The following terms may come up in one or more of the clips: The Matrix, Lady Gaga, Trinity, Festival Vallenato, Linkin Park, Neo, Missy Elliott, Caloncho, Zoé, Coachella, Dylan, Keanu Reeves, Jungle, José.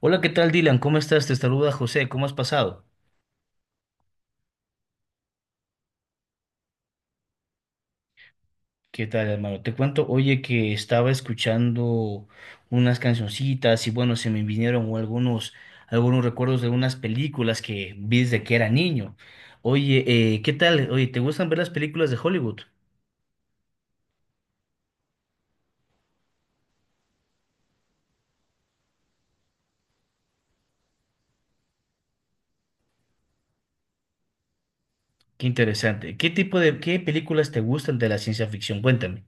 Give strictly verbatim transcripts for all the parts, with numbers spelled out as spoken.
Hola, ¿qué tal, Dylan? ¿Cómo estás? Te saluda José. ¿Cómo has pasado? ¿Qué tal, hermano? Te cuento, oye, que estaba escuchando unas cancioncitas y bueno, se me vinieron algunos, algunos recuerdos de unas películas que vi desde que era niño. Oye, eh, ¿qué tal? Oye, ¿te gustan ver las películas de Hollywood? Qué interesante. ¿Qué tipo de, qué películas te gustan de la ciencia ficción? Cuéntame.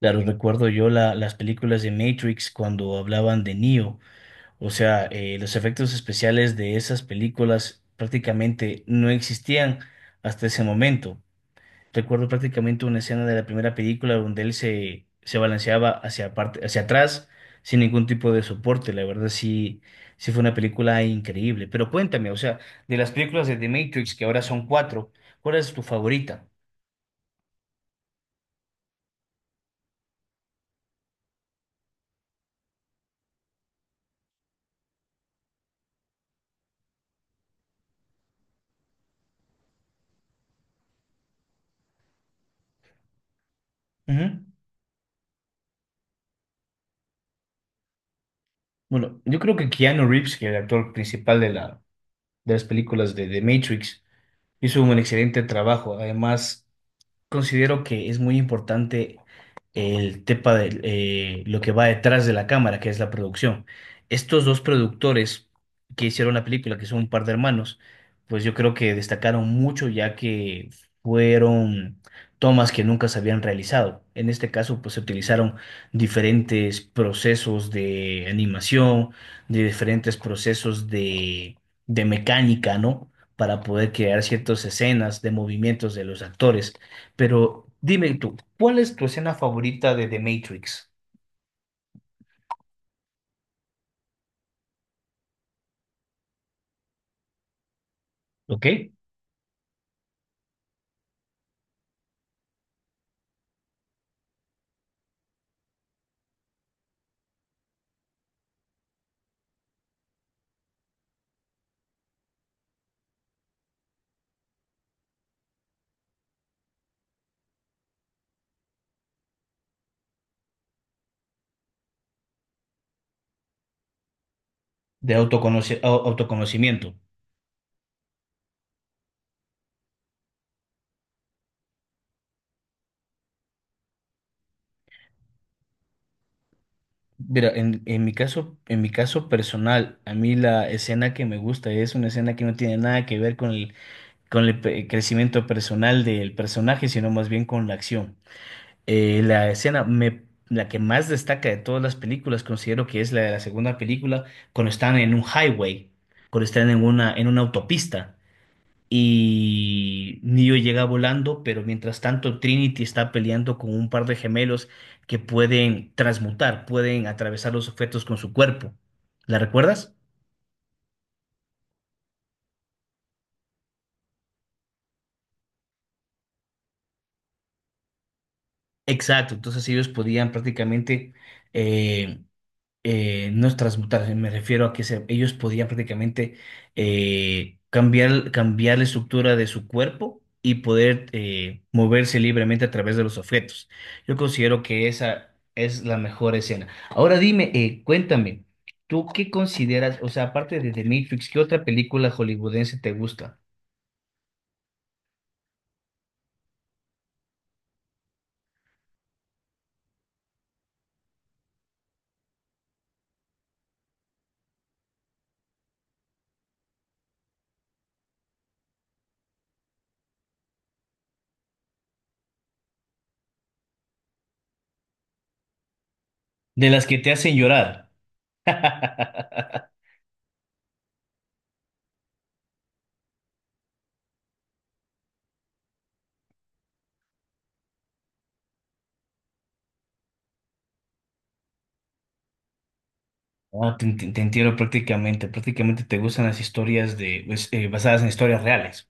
Claro, recuerdo yo la- las películas de Matrix cuando hablaban de Neo. O sea, eh, los efectos especiales de esas películas prácticamente no existían hasta ese momento. Recuerdo prácticamente una escena de la primera película donde él se, se balanceaba hacia parte, hacia atrás sin ningún tipo de soporte. La verdad sí, sí fue una película increíble. Pero cuéntame, o sea, de las películas de The Matrix, que ahora son cuatro, ¿cuál es tu favorita? Ujú. Bueno, yo creo que Keanu Reeves, que es el actor principal de la, de las películas de The Matrix, hizo un excelente trabajo. Además, considero que es muy importante el tema de eh, lo que va detrás de la cámara, que es la producción. Estos dos productores que hicieron la película, que son un par de hermanos, pues yo creo que destacaron mucho ya que fueron tomas que nunca se habían realizado. En este caso, pues se utilizaron diferentes procesos de animación, de diferentes procesos de, de mecánica, ¿no? Para poder crear ciertas escenas de movimientos de los actores. Pero dime tú, ¿cuál es tu escena favorita de The Matrix? ¿Ok? De autoconoci- au- autoconocimiento. Mira, en, en mi caso, en mi caso personal, a mí la escena que me gusta es una escena que no tiene nada que ver con el, con el pe- crecimiento personal del personaje, sino más bien con la acción. Eh, la escena me, la que más destaca de todas las películas considero que es la de la segunda película, cuando están en un highway, cuando están en una, en una autopista. Y Neo llega volando, pero mientras tanto Trinity está peleando con un par de gemelos que pueden transmutar, pueden atravesar los objetos con su cuerpo. ¿La recuerdas? Exacto, entonces ellos podían prácticamente eh, no es transmutar, me refiero a que se- ellos podían prácticamente eh, cambiar, cambiar la estructura de su cuerpo y poder eh, moverse libremente a través de los objetos. Yo considero que esa es la mejor escena. Ahora dime, eh, cuéntame, ¿tú qué consideras, o sea, aparte de The Matrix, ¿qué otra película hollywoodense te gusta? De las que te hacen llorar. Ah, te, te- te entiendo prácticamente, prácticamente te gustan las historias de, pues, eh, basadas en historias reales.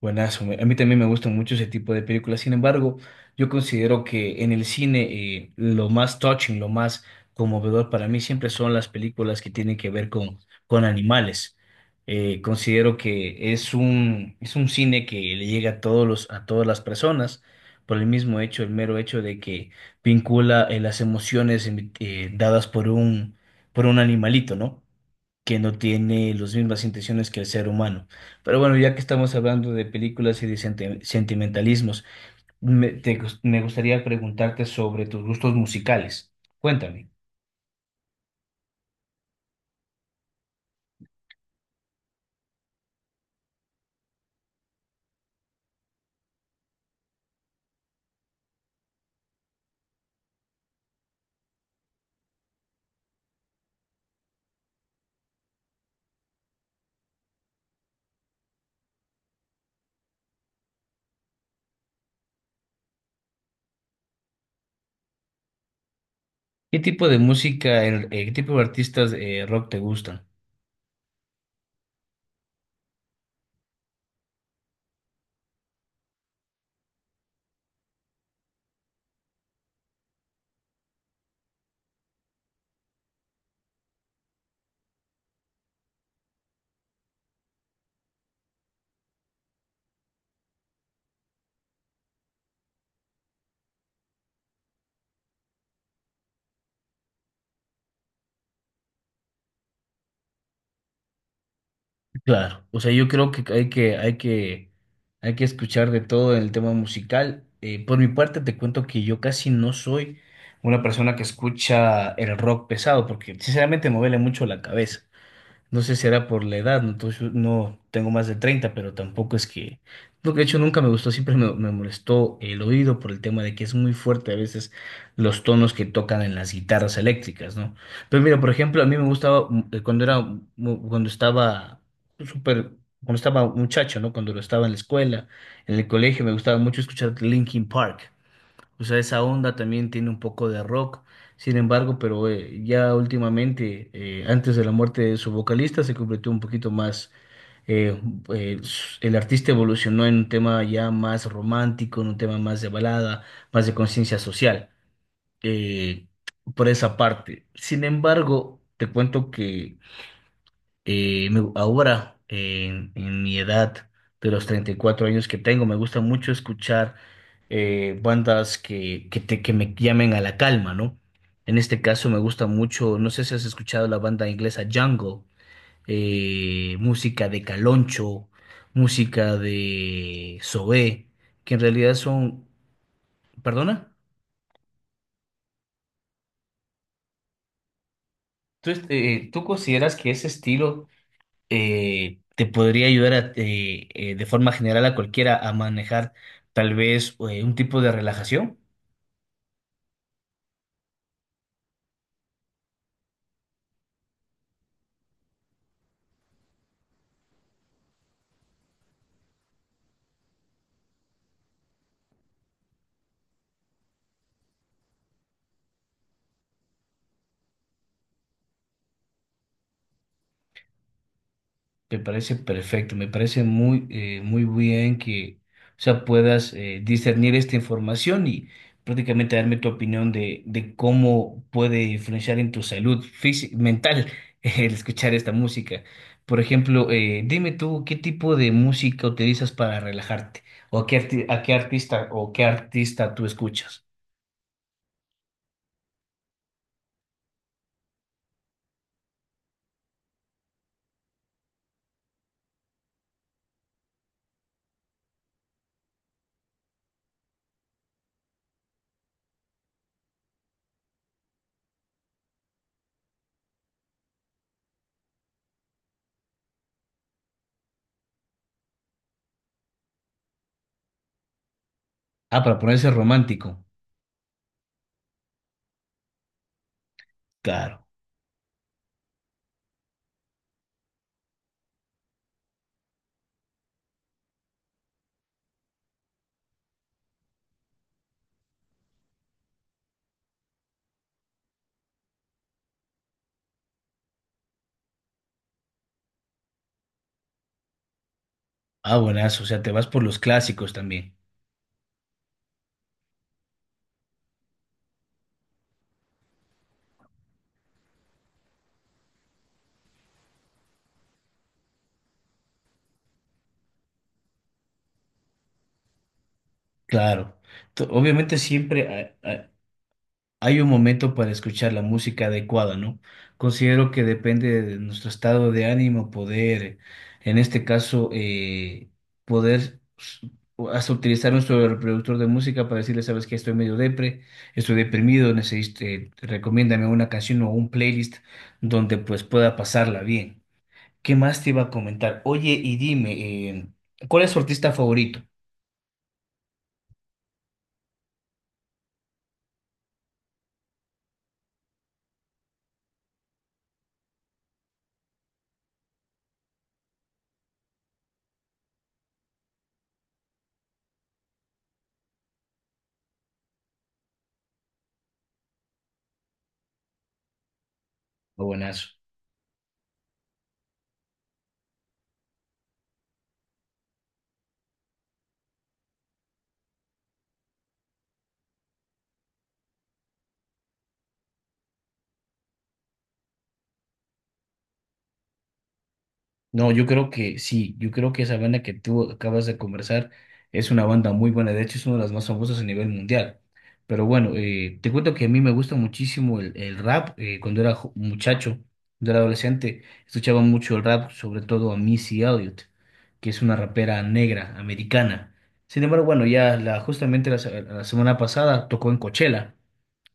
Buenazo, me- a mí también me gusta mucho ese tipo de películas. Sin embargo, yo considero que en el cine eh, lo más touching, lo más conmovedor para mí siempre son las películas que tienen que ver con, con animales. Eh, considero que es un, es un cine que le llega a todos los, a todas las personas por el mismo hecho, el mero hecho de que vincula eh, las emociones em- eh, dadas por un, por un animalito, ¿no? Que no tiene las mismas intenciones que el ser humano. Pero bueno, ya que estamos hablando de películas y de senti- sentimentalismos, me, te gus- me gustaría preguntarte sobre tus gustos musicales. Cuéntame, ¿qué tipo de música, en- eh, qué tipo de artistas eh, rock te gustan? Claro, o sea, yo creo que hay que, hay que, hay que escuchar de todo en el tema musical. Eh, por mi parte, te cuento que yo casi no soy una persona que escucha el rock pesado, porque sinceramente me duele mucho la cabeza. No sé si era por la edad, no. Entonces, no tengo más de treinta pero tampoco es que... No. De hecho, nunca me gustó, siempre me, me molestó el oído por el tema de que es muy fuerte a veces los tonos que tocan en las guitarras eléctricas, ¿no? Pero mira, por ejemplo, a mí me gustaba mm, eh, cuando era, mu- cuando estaba súper, cuando estaba muchacho, ¿no? Cuando lo estaba en la escuela, en el colegio, me gustaba mucho escuchar Linkin Park. O sea, esa onda también tiene un poco de rock. Sin embargo, pero eh, ya últimamente, eh, antes de la muerte de su vocalista, se completó un poquito más. eh, eh, s- el artista evolucionó en un tema ya más romántico, en un tema más de balada, más de conciencia social, eh, por esa parte. Sin embargo, te cuento que eh, me- ahora, en, en mi edad de los treinta y cuatro años que tengo, me gusta mucho escuchar eh, bandas que, que, te- que me llamen a la calma, ¿no? En este caso me gusta mucho, no sé si has escuchado la banda inglesa Jungle, eh, música de Caloncho, música de Zoé, que en realidad son... ¿Perdona? ¿Tú, eh, tú consideras que ese estilo eh, te podría ayudar a, eh, eh, de forma general a cualquiera a manejar tal vez eh, un tipo de relajación? Me parece perfecto, me parece muy, eh, muy bien que o sea, puedas eh, discernir esta información y prácticamente darme tu opinión de, de cómo puede influenciar en tu salud física, mental el escuchar esta música. Por ejemplo, eh, dime tú qué tipo de música utilizas para relajarte o a qué arti- a qué artista o qué artista tú escuchas. Ah, para ponerse romántico. Claro. Ah, buenazo. O sea, te vas por los clásicos también. Claro. To- Obviamente siempre ha- ha- hay un momento para escuchar la música adecuada, ¿no? Considero que depende de nuestro estado de ánimo poder, en este caso, eh, poder s- hasta utilizar nuestro reproductor de música para decirle, sabes que estoy medio depre, estoy deprimido, necesito, eh, recomiéndame una canción o un playlist donde pues pueda pasarla bien. ¿Qué más te iba a comentar? Oye, y dime, eh, ¿cuál es tu artista favorito? Oh, buenazo. No, yo creo que sí, yo creo que esa banda que tú acabas de conversar es una banda muy buena, de hecho es una de las más famosas a nivel mundial. Pero bueno, eh, te cuento que a mí me gusta muchísimo el, el rap, eh, cuando era jo- muchacho, cuando era adolescente, escuchaba mucho el rap, sobre todo a Missy Elliott, que es una rapera negra, americana. Sin embargo, bueno, ya la, justamente la se- la semana pasada tocó en Coachella.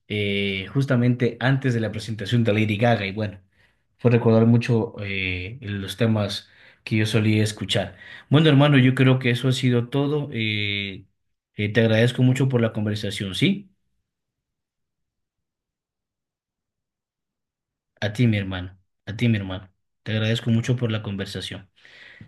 eh, Justamente antes de la presentación de Lady Gaga y bueno, fue recordar mucho eh, los temas que yo solía escuchar. Bueno, hermano, yo creo que eso ha sido todo. Eh, eh, te agradezco mucho por la conversación, ¿sí? A ti, mi hermano, a ti, mi hermano. Te agradezco mucho por la conversación.